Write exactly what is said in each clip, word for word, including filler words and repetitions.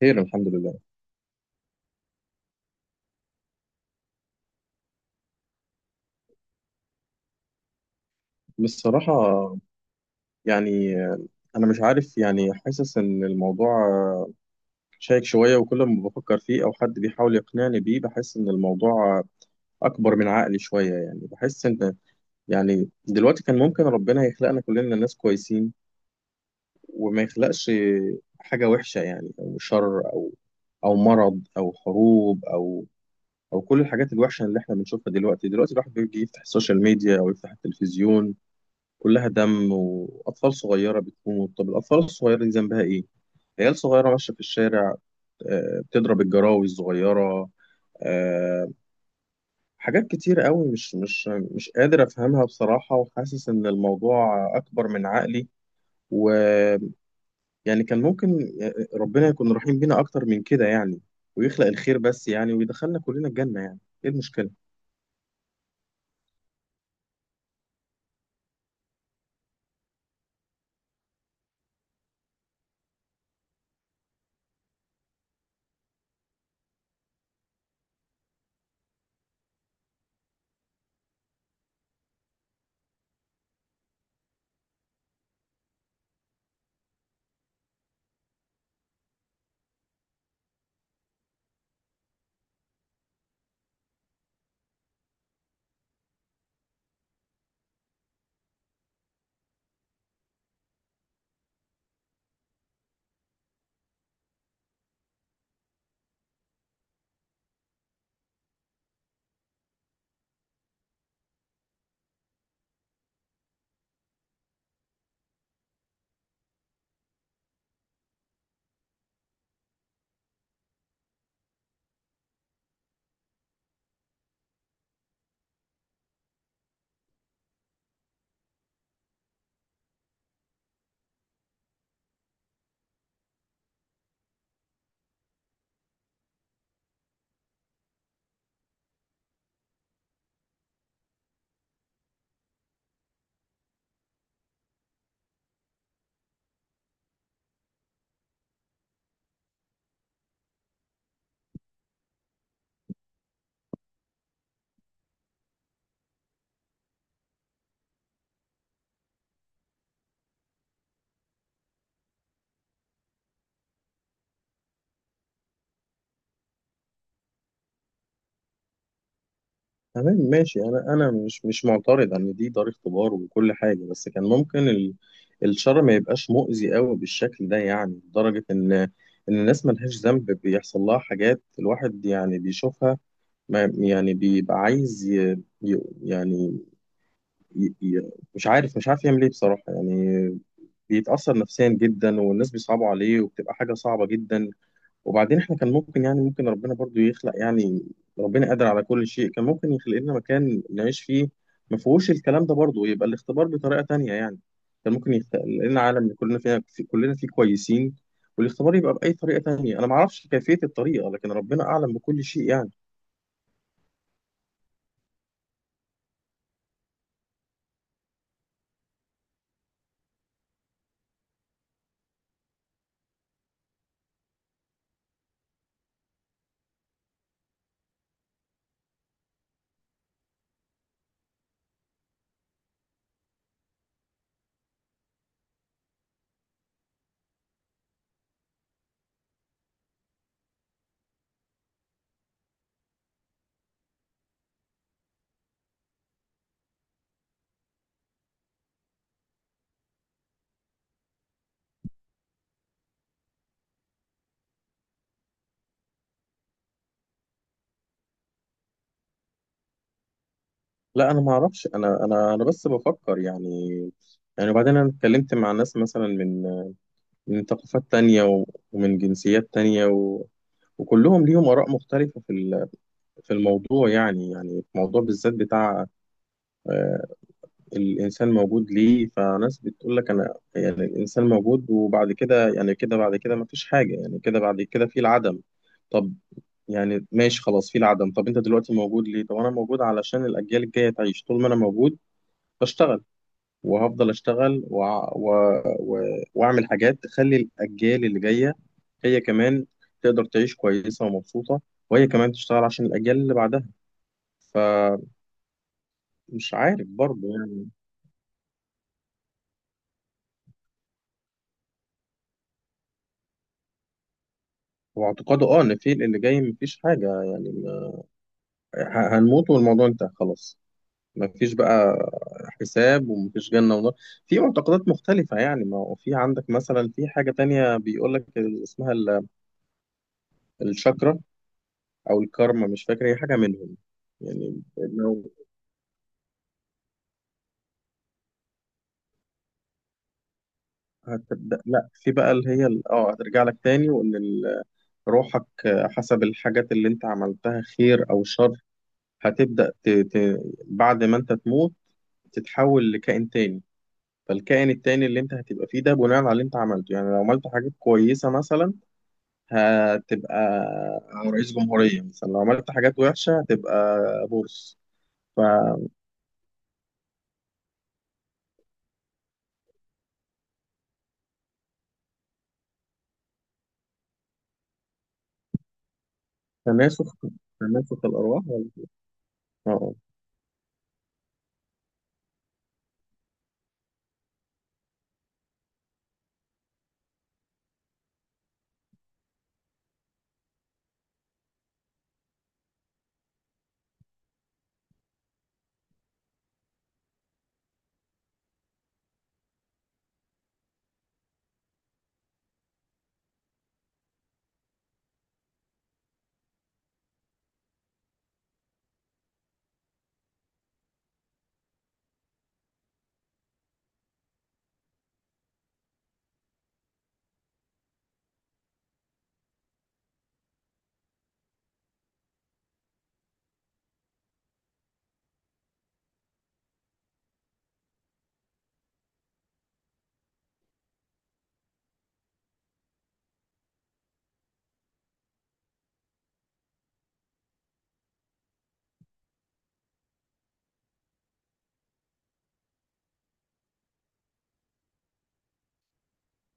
خير، الحمد لله. بصراحة، يعني أنا مش عارف، يعني حاسس إن الموضوع شائك شوية، وكل ما بفكر فيه أو حد بيحاول يقنعني بيه بحس إن الموضوع أكبر من عقلي شوية. يعني بحس إن، يعني دلوقتي كان ممكن ربنا يخلقنا كلنا ناس كويسين، وما يخلقش حاجة وحشة، يعني أو شر أو أو مرض أو حروب أو أو كل الحاجات الوحشة اللي إحنا بنشوفها دلوقتي. دلوقتي الواحد بيجي يفتح السوشيال ميديا أو يفتح التلفزيون، كلها دم وأطفال صغيرة بتموت. طب الأطفال الصغيرة دي ذنبها إيه؟ عيال صغيرة ماشية في الشارع، آه، بتضرب الجراوي الصغيرة. آه، حاجات كتير قوي مش مش مش قادر أفهمها بصراحة، وحاسس إن الموضوع أكبر من عقلي ويعني كان ممكن، آه، آه، ربنا يكون رحيم بينا أكتر من كده، يعني ويخلق الخير بس، يعني ويدخلنا كلنا الجنة. يعني إيه المشكلة؟ تمام ماشي. انا انا مش مش معترض ان دي دار اختبار وكل حاجه، بس كان ممكن ال- الشر ما يبقاش مؤذي قوي بالشكل ده، يعني لدرجه ان ان الناس ملهاش ذنب بيحصل لها حاجات الواحد يعني بيشوفها، ما يعني بيبقى عايز ي... ي... يعني ي... ي... مش عارف مش عارف يعمل ايه بصراحه. يعني بيتاثر نفسيا جدا، والناس بيصعبوا عليه وبتبقى حاجه صعبه جدا. وبعدين احنا كان ممكن، يعني ممكن ربنا برضو يخلق، يعني ربنا قادر على كل شيء، كان ممكن يخلق لنا مكان نعيش فيه ما فيهوش الكلام ده، برضو يبقى الاختبار بطريقة تانية. يعني كان ممكن يخلق لنا عالم كلنا فيها في كلنا فيه كويسين، والاختبار يبقى بأي طريقة تانية. انا ما اعرفش كيفية الطريقة، لكن ربنا اعلم بكل شيء يعني. لا، انا ما اعرفش. انا انا انا بس بفكر يعني. يعني وبعدين انا اتكلمت مع ناس مثلا من من ثقافات تانية و- ومن جنسيات تانية و... وكلهم ليهم آراء مختلفة في ال... في الموضوع، يعني يعني في الموضوع بالذات بتاع آه، الإنسان موجود ليه. فناس بتقول لك أنا يعني الإنسان موجود وبعد كده، يعني كده بعد كده مفيش حاجة، يعني كده بعد كده في العدم. طب يعني ماشي خلاص، في العدم. طب أنت دلوقتي موجود ليه؟ طب أنا موجود علشان الأجيال الجاية تعيش طول ما أنا موجود بشتغل، وهفضل أشتغل وع- و... و... وأعمل حاجات تخلي الأجيال اللي جاية هي كمان تقدر تعيش كويسة ومبسوطة، وهي كمان تشتغل عشان الأجيال اللي بعدها. ف... مش عارف برضه يعني. هو اعتقاده، اه ان في اللي جاي مفيش حاجة، يعني ما- ه- هنموت والموضوع انتهى خلاص. مفيش بقى حساب ومفيش جنة ونار. في معتقدات مختلفة، يعني ما هو في عندك مثلا في حاجة تانية بيقول لك اسمها ال- الشاكرا أو الكارما، مش فاكر هي حاجة منهم. يعني لو هتبدأ، لا، في بقى اللي هي ال- اه هترجع لك تاني، وإن ال- روحك حسب الحاجات اللي أنت عملتها خير أو شر هتبدأ ت... ت... بعد ما أنت تموت تتحول لكائن تاني. فالكائن التاني اللي انت هتبقى فيه ده بناء على اللي انت عملته، يعني لو عملت حاجات كويسة مثلا هتبقى رئيس جمهورية مثلا، لو عملت حاجات وحشة هتبقى بورس. فتناسخ، تناسخ الأرواح ولا؟ اه آه.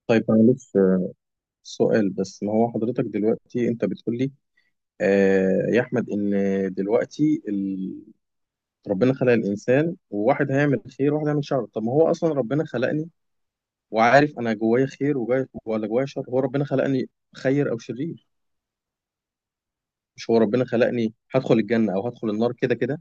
طيب معلش، سؤال بس. ما هو حضرتك دلوقتي انت بتقول لي، آه يا احمد، ان دلوقتي ال... ربنا خلق الانسان وواحد هيعمل خير وواحد هيعمل شر. طب ما هو اصلا ربنا خلقني وعارف انا جوايا خير وجاي ولا جوايا شر. هو ربنا خلقني خير او شرير؟ مش هو ربنا خلقني هدخل الجنه او هدخل النار كده كده؟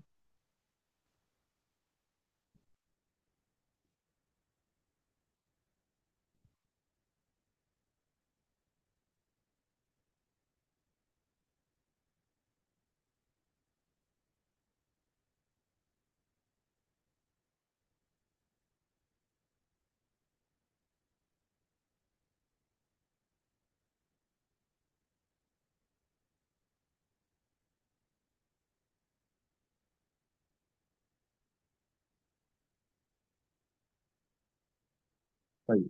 طيب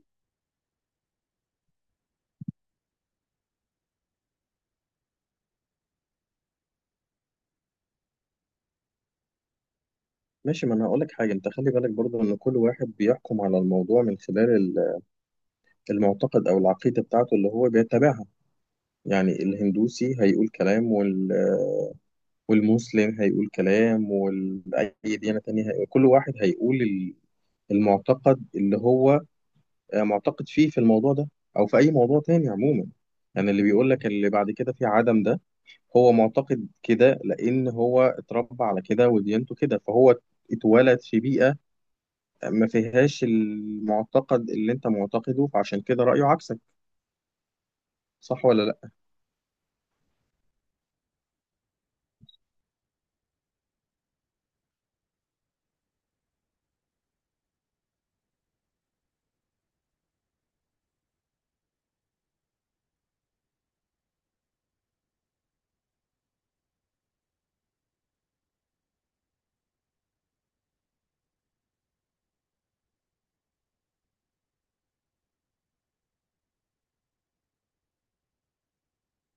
ماشي، ما انا هقول لك حاجه. انت خلي بالك برضو ان كل واحد بيحكم على الموضوع من خلال ال- المعتقد او العقيده بتاعته اللي هو بيتبعها. يعني الهندوسي هيقول كلام، وال... والمسلم هيقول كلام، واي ديانه تانية هيقول. كل واحد هيقول ال- المعتقد اللي هو آه، معتقد فيه في الموضوع ده او في اي موضوع تاني عموما. يعني اللي بيقول لك اللي بعد كده في عدم ده، هو معتقد كده لان هو اتربى على كده وديانته كده. فهو اتولد في بيئة ما فيهاش المعتقد اللي انت معتقده، فعشان كده رأيه عكسك. صح ولا لا؟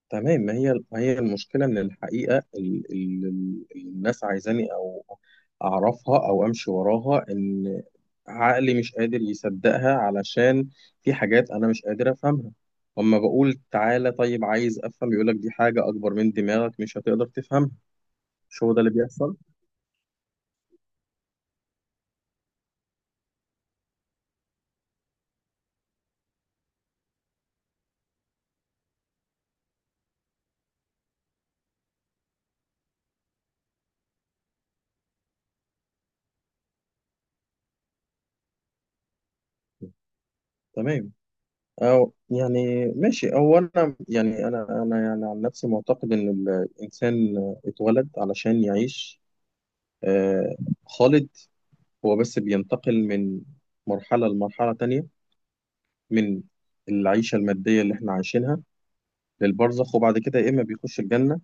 تمام. ما هي ما هي المشكلة إن الحقيقة ال- ال- ال- الناس عايزاني أو أعرفها أو أمشي وراها، إن عقلي مش قادر يصدقها علشان في حاجات أنا مش قادر أفهمها. أما بقول تعالى طيب عايز أفهم، يقولك دي حاجة أكبر من دماغك مش هتقدر تفهمها. مش هو ده اللي بيحصل؟ تمام، أو يعني ماشي. هو أنا، يعني أنا أنا يعني عن نفسي معتقد إن الإنسان اتولد علشان يعيش آه، خالد. هو بس بينتقل من مرحلة لمرحلة تانية، من العيشة المادية اللي احنا عايشينها للبرزخ، وبعد كده يا إما بيخش الجنة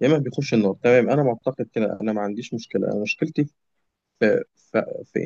يا إما بيخش النار. تمام. أنا معتقد كده، أنا ما عنديش مشكلة. أنا مشكلتي في, في, في